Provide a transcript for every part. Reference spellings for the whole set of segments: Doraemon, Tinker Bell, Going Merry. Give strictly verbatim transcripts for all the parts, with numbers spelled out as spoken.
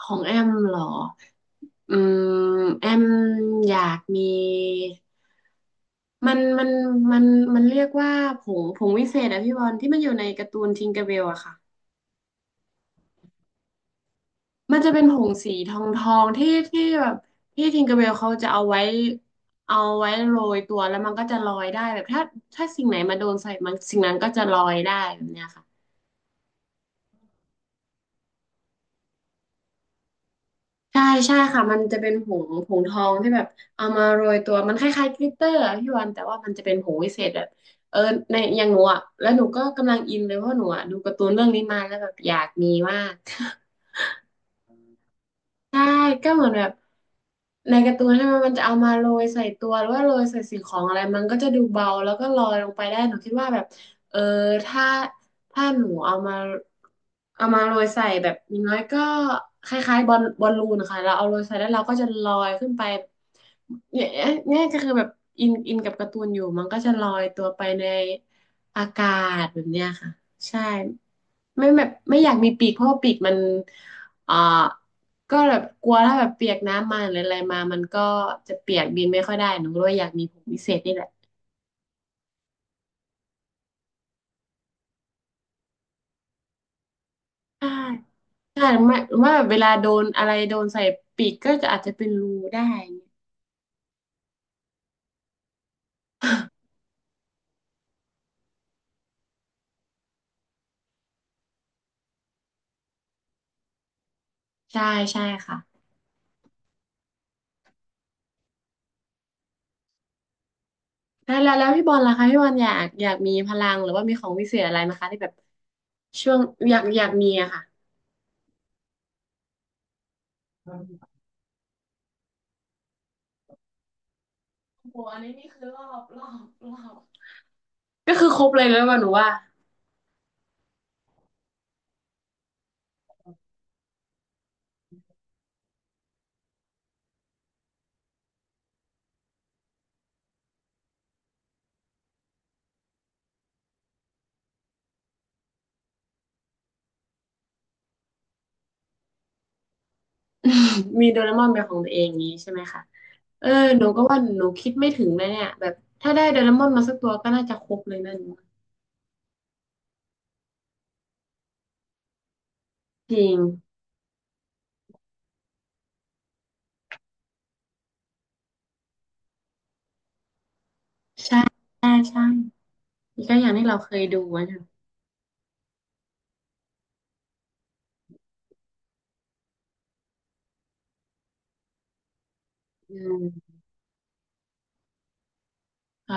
ของแอมเหรออืมแอมอยากมีมันมันมันมันเรียกว่าผงผงวิเศษอะพี่บอลที่มันอยู่ในการ์ตูนทิงเกอร์เบลอะค่ะ มันจะเป็นผงสีทองทองที่ที่แบบที่ทิงเกอร์เบลเขาจะเอาไว้เอาไว้โรยตัวแล้วมันก็จะลอยได้แบบถ้าถ้าสิ่งไหนมาโดนใส่มันสิ่งนั้นก็จะลอยได้แบบเนี้ยค่ะ ใช่ใช่ค่ะมันจะเป็นผงผงทองที่แบบเอามาโรยตัวมันคล้ายๆกลิตเตอร์อะพี่วันแต่ว่ามันจะเป็นผงวิเศษแบบเออในอย่างหนูอ่ะแล้วหนูก็กำลังอินเลยเพราะหนูอ่ะดูการ์ตูนเรื่องนี้มาแล้วแบบอยากมีมาก ใช่ก็เหมือนแบบในการ์ตูนใช่ไหมมันจะเอามาโรยใส่ตัวหรือว่าโรยใส่สิ่งของอะไรมันก็จะดูเบาแล้วก็ลอยลงไปได้หนูคิดว่าแบบเออถ้าถ้าหนูเอามาเอามาโรยใส่แบบอย่างน้อยก็คล้ายๆบอลบอลลูนค่ะเราเอาโรยใส่แล้วเราก็จะลอยขึ้นไปเนี่ยเนี่ยก็คือแบบอินอินกับการ์ตูนอยู่มันก็จะลอยตัวไปในอากาศแบบเนี้ยค่ะใช่ ไม่แบบไม่อยากมีปีกเพราะว่าปีกมันเอ่อก็แบบกลัวถ้าแบบเปียกน้ำมาหรืออะไรมามันก็จะเปียกบินไม่ค่อยได้หนูก็เลยอยากมีผมพิเศษนี่แหละใช่ใช่หรือไม่หรือว่าแบบเวลาโดนอะไรโดนใส่ปีกก็จะอาจจะเป็นรูได้อย่างเงี้ยใช่ใช่ค่ะแล้วแล้วแล้วพี่บอลล่ะคะพี่บอลอยากอยากมีพลังหรือว่ามีของวิเศษอะไรไหมคะที่แบบช่วงอยากอยากมีอะค่ะโอ้โหอันนี้นี่คือรอบรอบรอบก็คือครบเลยแล้วว่าหนูว่า มีโดเรมอนเป็นของตัวเองอย่างนี้ใช่ไหมคะเออหนูก็ว่าหนูคิดไม่ถึงเลยเนี่ยแบบถ้าได้โดเรมอนมาสักตัวก็น่าจะครบเลยนั่นจริงใช่ใช่ใช่ีก็อย่างที่เราเคยดูอะนะอืมอ๋อ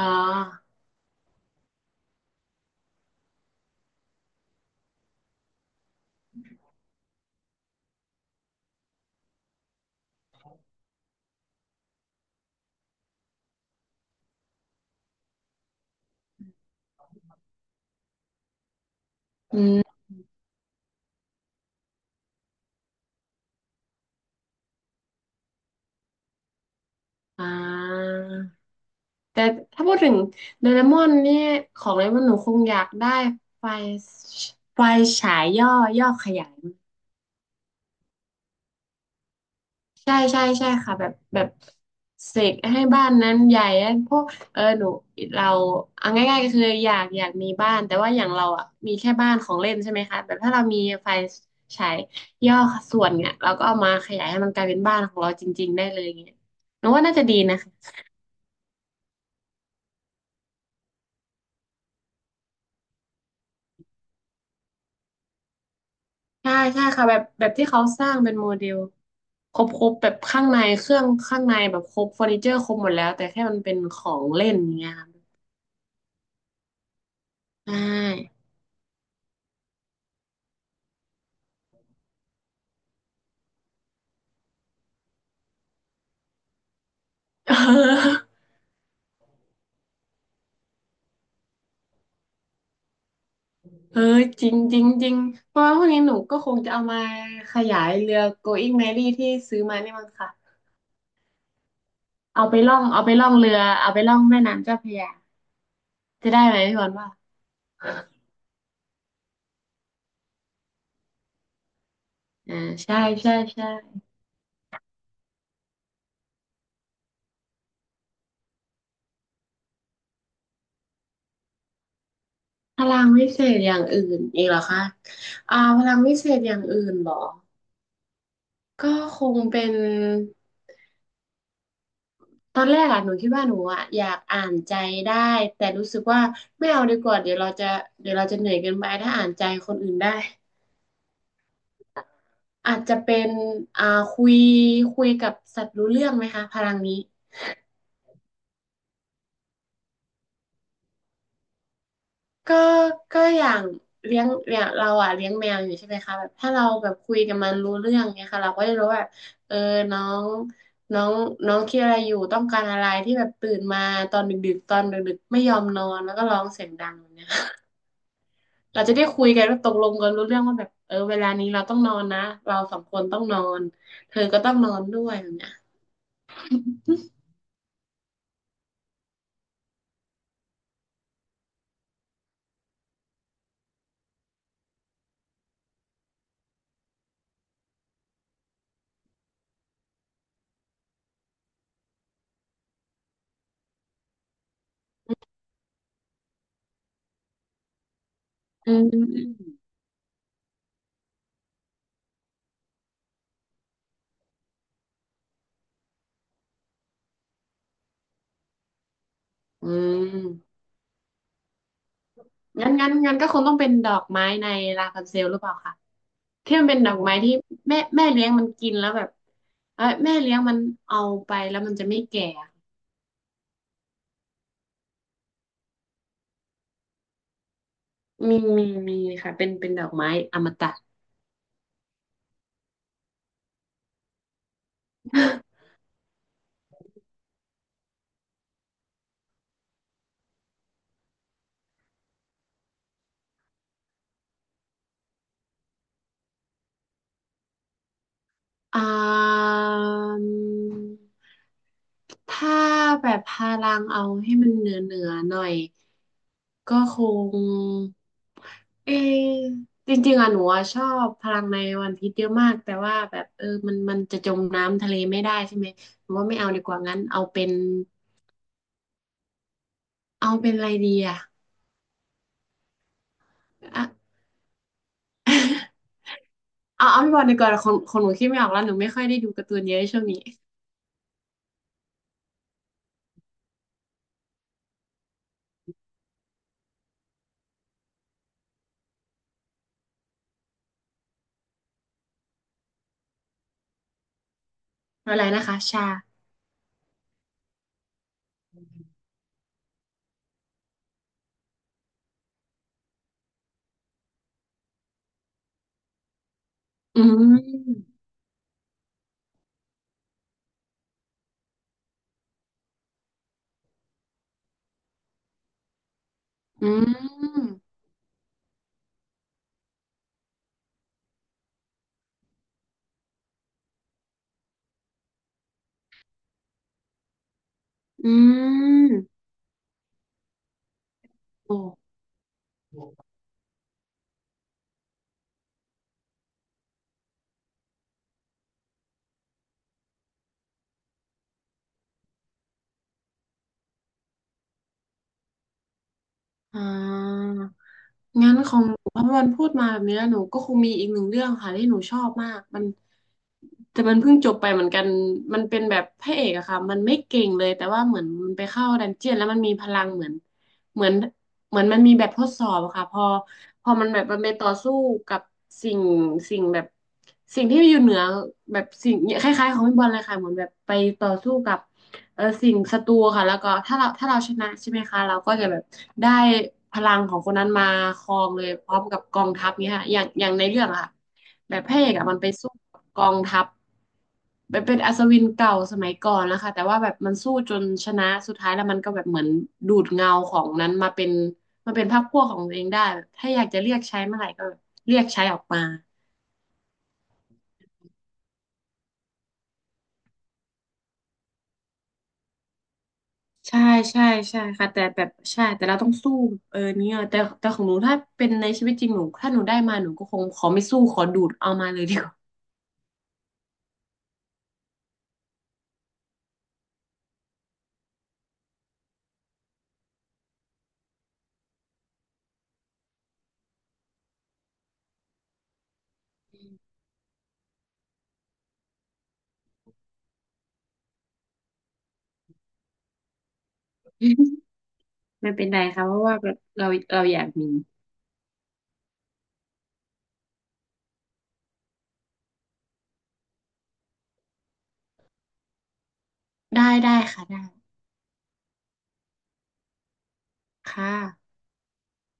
อืมอ่าแต่ถ้าพูดถึงโดเรมอนนี่ของเลยว่าหนูคงอยากได้ไฟไฟฉายย่อย่อขยาย ใช่ใช่ใช่ค่ะแบบแบบเสกให้บ้านนั้นใหญ่พวกเออหนูเราเอาง่ายๆก็คืออยากอยากมีบ้านแต่ว่าอย่างเราอ่ะมีแค่บ้านของเล่นใช่ไหมคะแบบถ้าเรามีไฟฉายย่อส่วนเนี่ยเราก็เอามาขยายให้มันกลายเป็นบ้านของเราจริงๆได้เลยเงี้ยหนูว่าน่าจะดีนะคะใช่ใช่ค่ะแบบแบบที่เขาสร้างเป็นโมเดลครบครบแบบข้างในเครื่องข้างในแบบครบเฟอร์นิเจอร์ครบหมดแล้วแต่แค่มันเป็นของเล่นอย่างเงี้ยค่ะใช่ เออจริงจริงจริงเพราะว่าพวกนี้หนูก็คงจะเอามาขยายเรือ Going Merry ที่ซื้อมานี่มั้งค่ะเอาไปล่องเอาไปล่องเรือเอาไปล่องแม่น้ำเจ้าพระยาจะได้ไหมพี่บอลว่าอ่าใช่ใช่ใช่พลังวิเศษอย่างอื่นอีกเหรอคะอ่าพลังวิเศษอย่างอื่นเหรอก็คงเป็นตอนแรกอะหนูคิดว่าหนูอะอยากอ่านใจได้แต่รู้สึกว่าไม่เอาดีกว่าเดี๋ยวเราจะเดี๋ยวเราจะเหนื่อยเกินไปถ้าอ่านใจคนอื่นได้ อาจจะเป็นอ่าคุยคุยกับสัตว์รู้เรื่องไหมคะพลังนี้ก็ก็อย่างเลี้ยงอย่างเราอ่ะเลี้ยงแมวอยู่ใช่ไหมคะแบบถ้าเราแบบคุยกับมันรู้เรื่องเนี่ยค่ะเราก็จะรู้ว่าเออน้องน้องน้องคิดอะไรอยู่ต้องการอะไรที่แบบตื่นมาตอนดึกๆตอนดึกๆไม่ยอมนอนแล้วก็ร้องเสียงดังแบบเนี่ยเราจะได้คุยกันว่าตกลงกันรู้เรื่องว่าแบบเออเวลานี้เราต้องนอนนะเราสองคนต้องนอนเธอก็ต้องนอนด้วยแบบเนี้ยอืมอืม งั้นงั้นงั้นก็คงต้องเป็นดอกไม้ในลาพันเซลหรือเปล่าคะที่มันเป็นดอกไม้ที่แม่แม่เลี้ยงมันกินแล้วแบบเอ้ยแม่เลี้ยงมันเอาไปแล้วมันจะไม่แก่อะมีมีมีค่ะเป็นเป็นดอกไม้อมตะ อ่ามถ้าแบบพลังเอาให้มันเหนือเหนือหน่อยก็คง เออจริงๆอะหนูอะชอบพลังในวันพีชเยอะมากแต่ว่าแบบเออมันมันจะจมน้ำทะเลไม่ได้ใช่ไหมหนูว่าไม่เอาดีกว่างั้นเอาเป็นเอาเป็นอะไรดีอะอะ เอาเอาพี่บอลดีกว่าคนคนหนูคิดไม่ออกแล้วหนูไม่ค่อยได้ดูการ์ตูนเยอะช่วงนี้อะไรนะคะชาอืมอืมอืมโอ้อ่า งั้นของหนูพอพพูดมาแบบนี้แล้วหนูก็คงมีอีกหนึ่งเรื่องค่ะที่หนูชอบมากมันแต่มันเพิ่งจบไปเหมือนกันมันเป็นแบบพระเอกอะค่ะมันไม่เก่งเลยแต่ว่าเหมือนมันไปเข้าดันเจียนแล้วมันมีพลังเหมือนเหมือนเหมือนมันมีแบบทดสอบอะค่ะพอพอมันแบบมันไปต่อสู้กับสิ่งสิ่งแบบสิ่งที่อยู่เหนือแบบสิ่งคล้ายๆของพี่บอลเลยค่ะเหมือนแบบไปต่อสู้กับ เออสิ่งศัตรูค่ะแล้วก็ถ้าเราถ้าเราชนะใช่ไหมคะเราก็จะแบบได้พลังของคนนั้นมาครองเลยพร้อมกับกองทัพเนี้ยค่ะอย่างอย่างในเรื่องอะค่ะแบบพระเอกอะมันไปสู้กับกองทัพแบบเป็นอัศวินเก่าสมัยก่อนนะคะแต่ว่าแบบมันสู้จนชนะสุดท้ายแล้วมันก็แบบเหมือนดูดเงาของนั้นมาเป็นมาเป็นพรรคพวกของตัวเองได้แบบถ้าอยากจะเรียกใช้เมื่อไหร่ก็เรียกใช้ออกมา ใช่ใช่ใช่ค่ะแต่แบบใช่แต่เราต้องสู้เออเนี่ยแต่แต่ของหนูถ้าเป็นในชีวิตจริงหนูถ้าหนูได้มาหนูก็คงขอไม่สู้ขอดูดเอามาเลยดีกว่า ไม่เป็นไรค่ะเพราะว่าแบบเราเราอยากมีได้ได้ค่ะได้ค่ะ